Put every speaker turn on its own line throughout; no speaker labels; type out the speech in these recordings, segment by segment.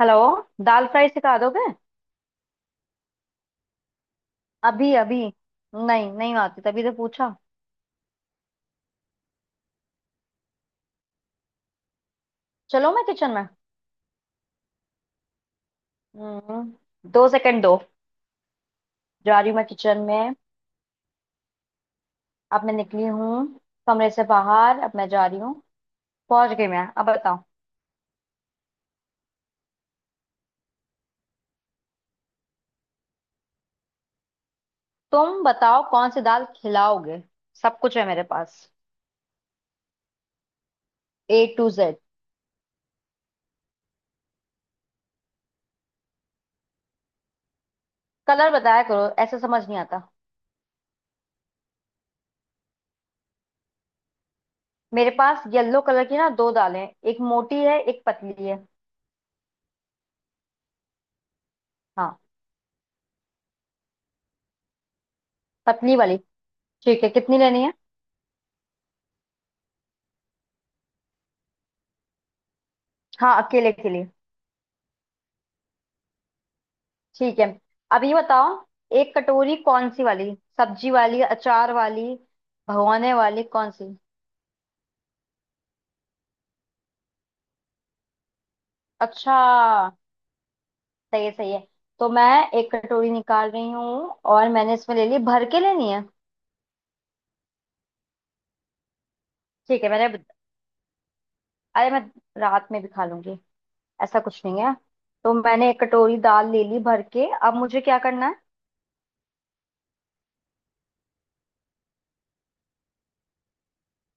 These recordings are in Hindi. हेलो। दाल फ्राई सिखा दोगे? अभी अभी नहीं, नहीं आती तभी तो पूछा। चलो मैं किचन में। हम्म, 2 सेकंड दो। जा रही हूँ मैं किचन में। अब मैं निकली हूँ कमरे से बाहर, अब मैं जा रही हूँ। पहुंच गई मैं, अब बताओ। तुम बताओ कौन सी दाल खिलाओगे? सब कुछ है मेरे पास, ए टू जेड। कलर बताया करो, ऐसे समझ नहीं आता। मेरे पास येलो कलर की ना दो दालें हैं, एक मोटी है एक पतली है। हाँ। पतली वाली। ठीक है, कितनी लेनी है? हाँ, अकेले के लिए। ठीक है। अब ये बताओ, 1 कटोरी कौन सी वाली? सब्जी वाली, अचार वाली, भगोने वाली, कौन सी? अच्छा। सही है, सही है। तो मैं 1 कटोरी निकाल रही हूँ, और मैंने इसमें ले ली। भर के लेनी है? ठीक है मैंने अरे, मैं रात में भी खा लूंगी, ऐसा कुछ नहीं है। तो मैंने 1 कटोरी दाल ले ली भर के, अब मुझे क्या करना है?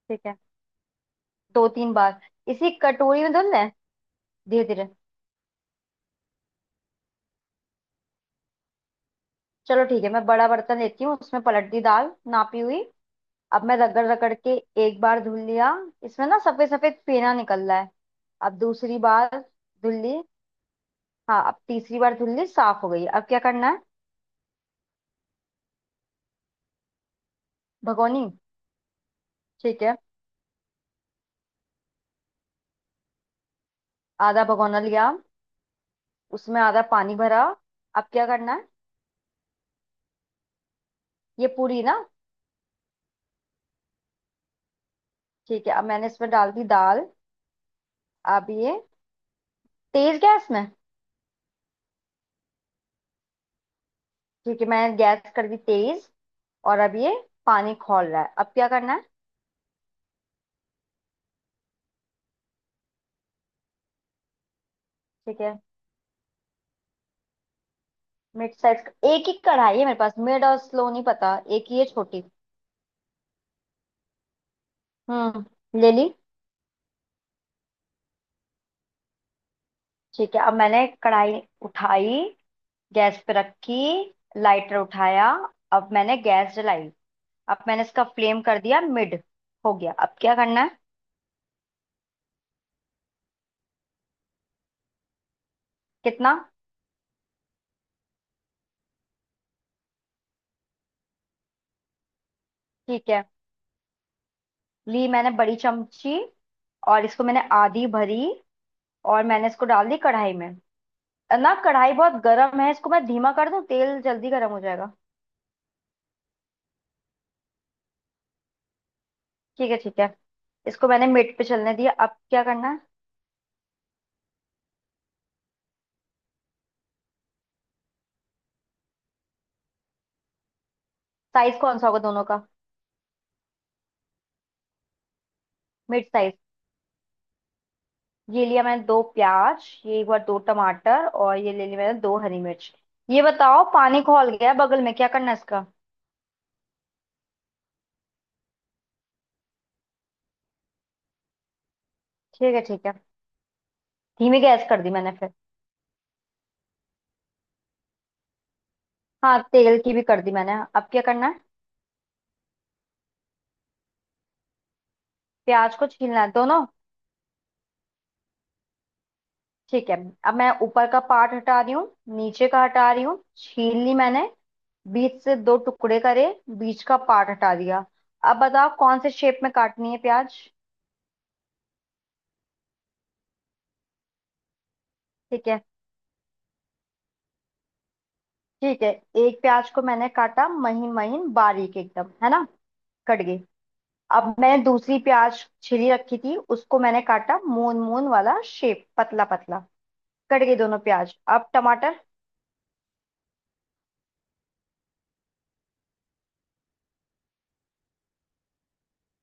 ठीक है, दो तीन बार। इसी कटोरी में धुलना है? धीरे धीरे। चलो ठीक है, मैं बड़ा बर्तन लेती हूँ, उसमें पलट दी दाल नापी हुई। अब मैं रगड़ रगड़ के एक बार धुल लिया, इसमें ना सफेद सफेद फेना निकल रहा है। अब दूसरी बार धुल ली। हाँ, अब तीसरी बार धुल ली, साफ हो गई। अब क्या करना है? भगोनी। ठीक है। आधा भगोना लिया, उसमें आधा पानी भरा। अब क्या करना है? ये पूरी ना? ठीक है, अब मैंने इसमें डाल दी दाल। अब ये तेज गैस में? ठीक है, मैंने गैस कर दी तेज। और अब ये पानी खौल रहा है, अब क्या करना है? ठीक है, मिड साइज। एक ही कढ़ाई है मेरे पास, मिड और स्लो नहीं पता, एक ही है छोटी। ले ली। ठीक है, अब मैंने कढ़ाई उठाई, गैस पे रखी, लाइटर उठाया, अब मैंने गैस जलाई, अब मैंने इसका फ्लेम कर दिया मिड। हो गया, अब क्या करना है? कितना? ठीक है, ली मैंने बड़ी चमची, और इसको मैंने आधी भरी, और मैंने इसको डाल दी कढ़ाई में। ना कढ़ाई बहुत गर्म है, इसको मैं धीमा कर दूं? तेल जल्दी गर्म हो जाएगा। ठीक है, ठीक है। इसको मैंने मिड पे चलने दिया, अब क्या करना है? साइज कौन सा होगा दोनों का? Mid size. ये लिया मैंने दो प्याज, ये एक बार दो टमाटर, और ये ले ली मैंने दो हरी मिर्च। ये बताओ पानी खौल गया बगल में, क्या करना है इसका? ठीक है, ठीक है। धीमी गैस कर दी मैंने फिर। हाँ, तेल की भी कर दी मैंने। अब क्या करना है? प्याज को छीलना है दोनों? ठीक है, अब मैं ऊपर का पार्ट हटा रही हूँ, नीचे का हटा रही हूँ, छील ली मैंने। बीच से दो टुकड़े करे, बीच का पार्ट हटा दिया। अब बताओ कौन से शेप में काटनी है प्याज? ठीक है। ठीक है। एक प्याज को मैंने काटा महीन महीन बारीक एकदम, है ना? कट गई। अब मैंने दूसरी प्याज छिली रखी थी, उसको मैंने काटा मून मून वाला शेप, पतला पतला। कट गई दोनों प्याज, अब टमाटर।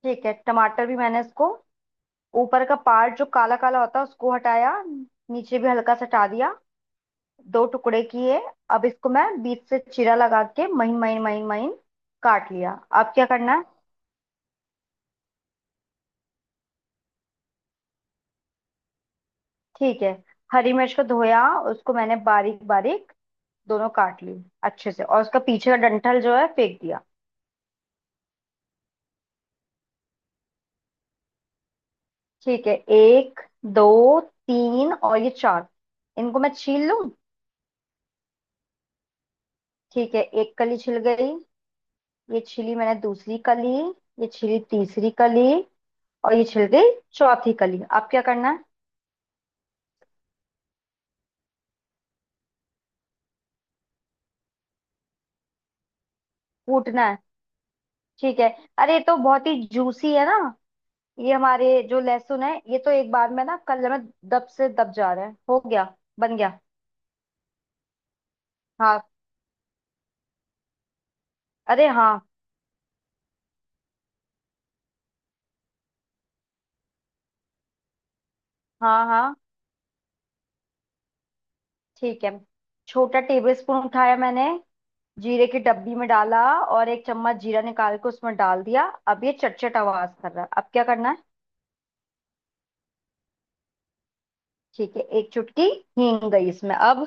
ठीक है, टमाटर भी मैंने इसको ऊपर का पार्ट जो काला काला होता है उसको हटाया, नीचे भी हल्का सा हटा दिया, दो टुकड़े किए। अब इसको मैं बीच से चीरा लगा के महीन महीन महीन महीन काट लिया। अब क्या करना है? ठीक है। हरी मिर्च को धोया, उसको मैंने बारीक बारीक दोनों काट ली अच्छे से, और उसका पीछे का डंठल जो है फेंक दिया। ठीक है, एक, दो, तीन और ये चार। इनको मैं छील लूं? ठीक है, एक कली छिल गई, ये छिली मैंने दूसरी कली, ये छिली तीसरी कली, और ये छिल गई चौथी कली। अब क्या करना है? कूटना है? ठीक है। अरे ये तो बहुत ही जूसी है ना, ये हमारे जो लहसुन है ये तो एक बार में ना कलर में दब से दब जा रहा है। हो गया। बन गया। हाँ। अरे हाँ। हाँ, हाँ। ठीक है, छोटा टेबल स्पून उठाया मैंने, जीरे की डब्बी में डाला, और 1 चम्मच जीरा निकाल के उसमें डाल दिया। अब ये चटचट आवाज कर रहा है, अब क्या करना है? ठीक है, 1 चुटकी हींग गई इसमें। अब?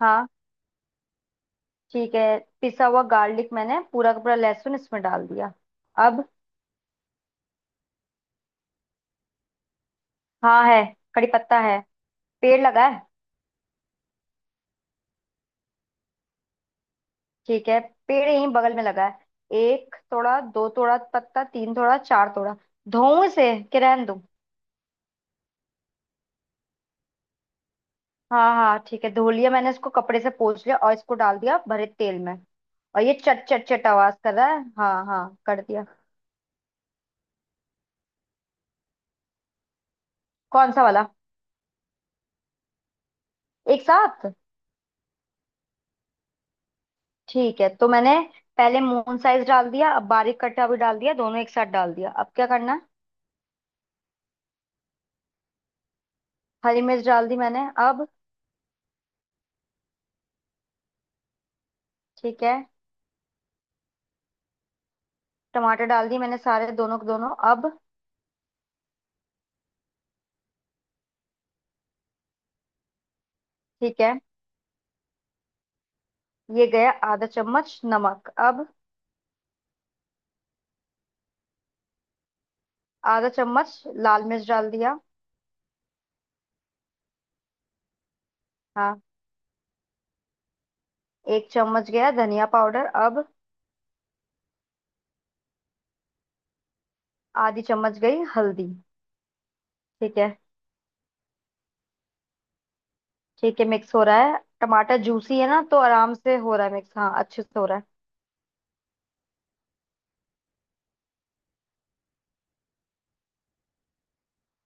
हाँ। ठीक है, पिसा हुआ गार्लिक मैंने पूरा का पूरा लहसुन इसमें डाल दिया। अब? हाँ है। कड़ी पत्ता है, पेड़ लगा है। ठीक है, पेड़ यहीं बगल में लगा है। एक थोड़ा, दो थोड़ा पत्ता, तीन थोड़ा, चार थोड़ा। धोऊं इसे कि रहने दूं? हाँ, हाँ ठीक है, धो लिया मैंने, इसको कपड़े से पोंछ लिया और इसको डाल दिया भरे तेल में। और ये चट चट चट आवाज कर रहा है। हाँ हाँ कर दिया। कौन सा वाला? एक साथ? ठीक है, तो मैंने पहले मून साइज डाल दिया, अब बारीक कटा भी डाल दिया, दोनों एक साथ डाल दिया। अब क्या करना है? हरी मिर्च डाल दी मैंने। अब? ठीक है, टमाटर डाल दी मैंने सारे दोनों के दोनों। अब? ठीक है, ये गया ½ चम्मच नमक। अब? ½ चम्मच। लाल मिर्च डाल दिया। हाँ, 1 चम्मच गया धनिया पाउडर। अब? ½ चम्मच गई हल्दी। ठीक है। ठीक है, मिक्स हो रहा है, टमाटर जूसी है ना, तो आराम से हो रहा है मिक्स। हाँ, अच्छे से हो रहा है।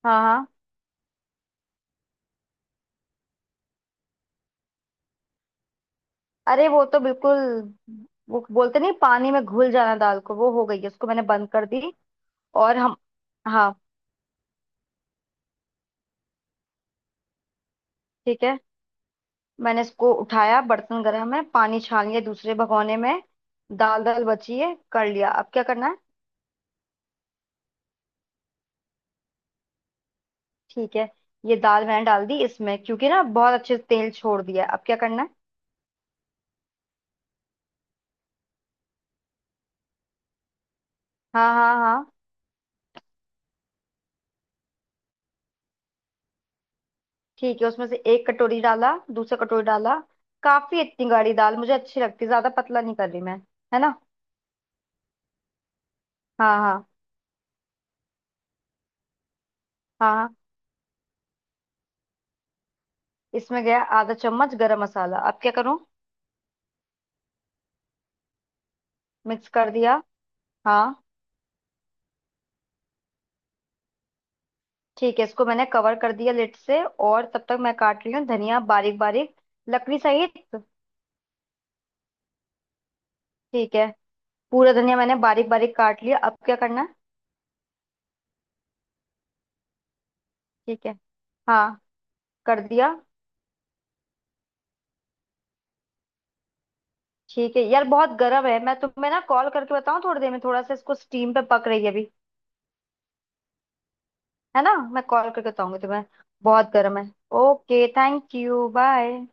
हाँ, हाँ। अरे वो तो बिल्कुल, वो बोलते नहीं पानी में घुल जाना दाल को, वो हो गई है, उसको मैंने बंद कर दी। और हम। हाँ। ठीक है, मैंने इसको उठाया, बर्तन गर्म है, पानी छान लिया दूसरे भगोने में, दाल दाल बची है, कर लिया। अब क्या करना है? ठीक है। ये दाल मैंने डाल दी इसमें क्योंकि ना बहुत अच्छे से तेल छोड़ दिया है। अब क्या करना है? हाँ हाँ हाँ। ठीक है, उसमें से 1 कटोरी डाला, दूसरा कटोरी डाला। काफी, इतनी गाढ़ी दाल मुझे अच्छी लगती, ज्यादा पतला नहीं कर रही मैं। है ना? हाँ, हाँ। हाँ, हाँ। इसमें गया ½ चम्मच गरम मसाला। अब क्या करूँ? मिक्स कर दिया। हाँ। ठीक है, इसको मैंने कवर कर दिया लिड से, और तब तक मैं काट रही हूँ धनिया बारीक बारीक। लकड़ी सहित। ठीक है, पूरा धनिया मैंने बारीक बारीक काट लिया। अब क्या करना है? ठीक है। हाँ, कर दिया। ठीक है यार, बहुत गर्म है, मैं तुम्हें ना कॉल करके बताऊँ थोड़ी देर में, थोड़ा सा इसको स्टीम पे पक रही है अभी। है ना? मैं कॉल करके बताऊंगी तुम्हें। बहुत गर्म है। Okay thank you bye.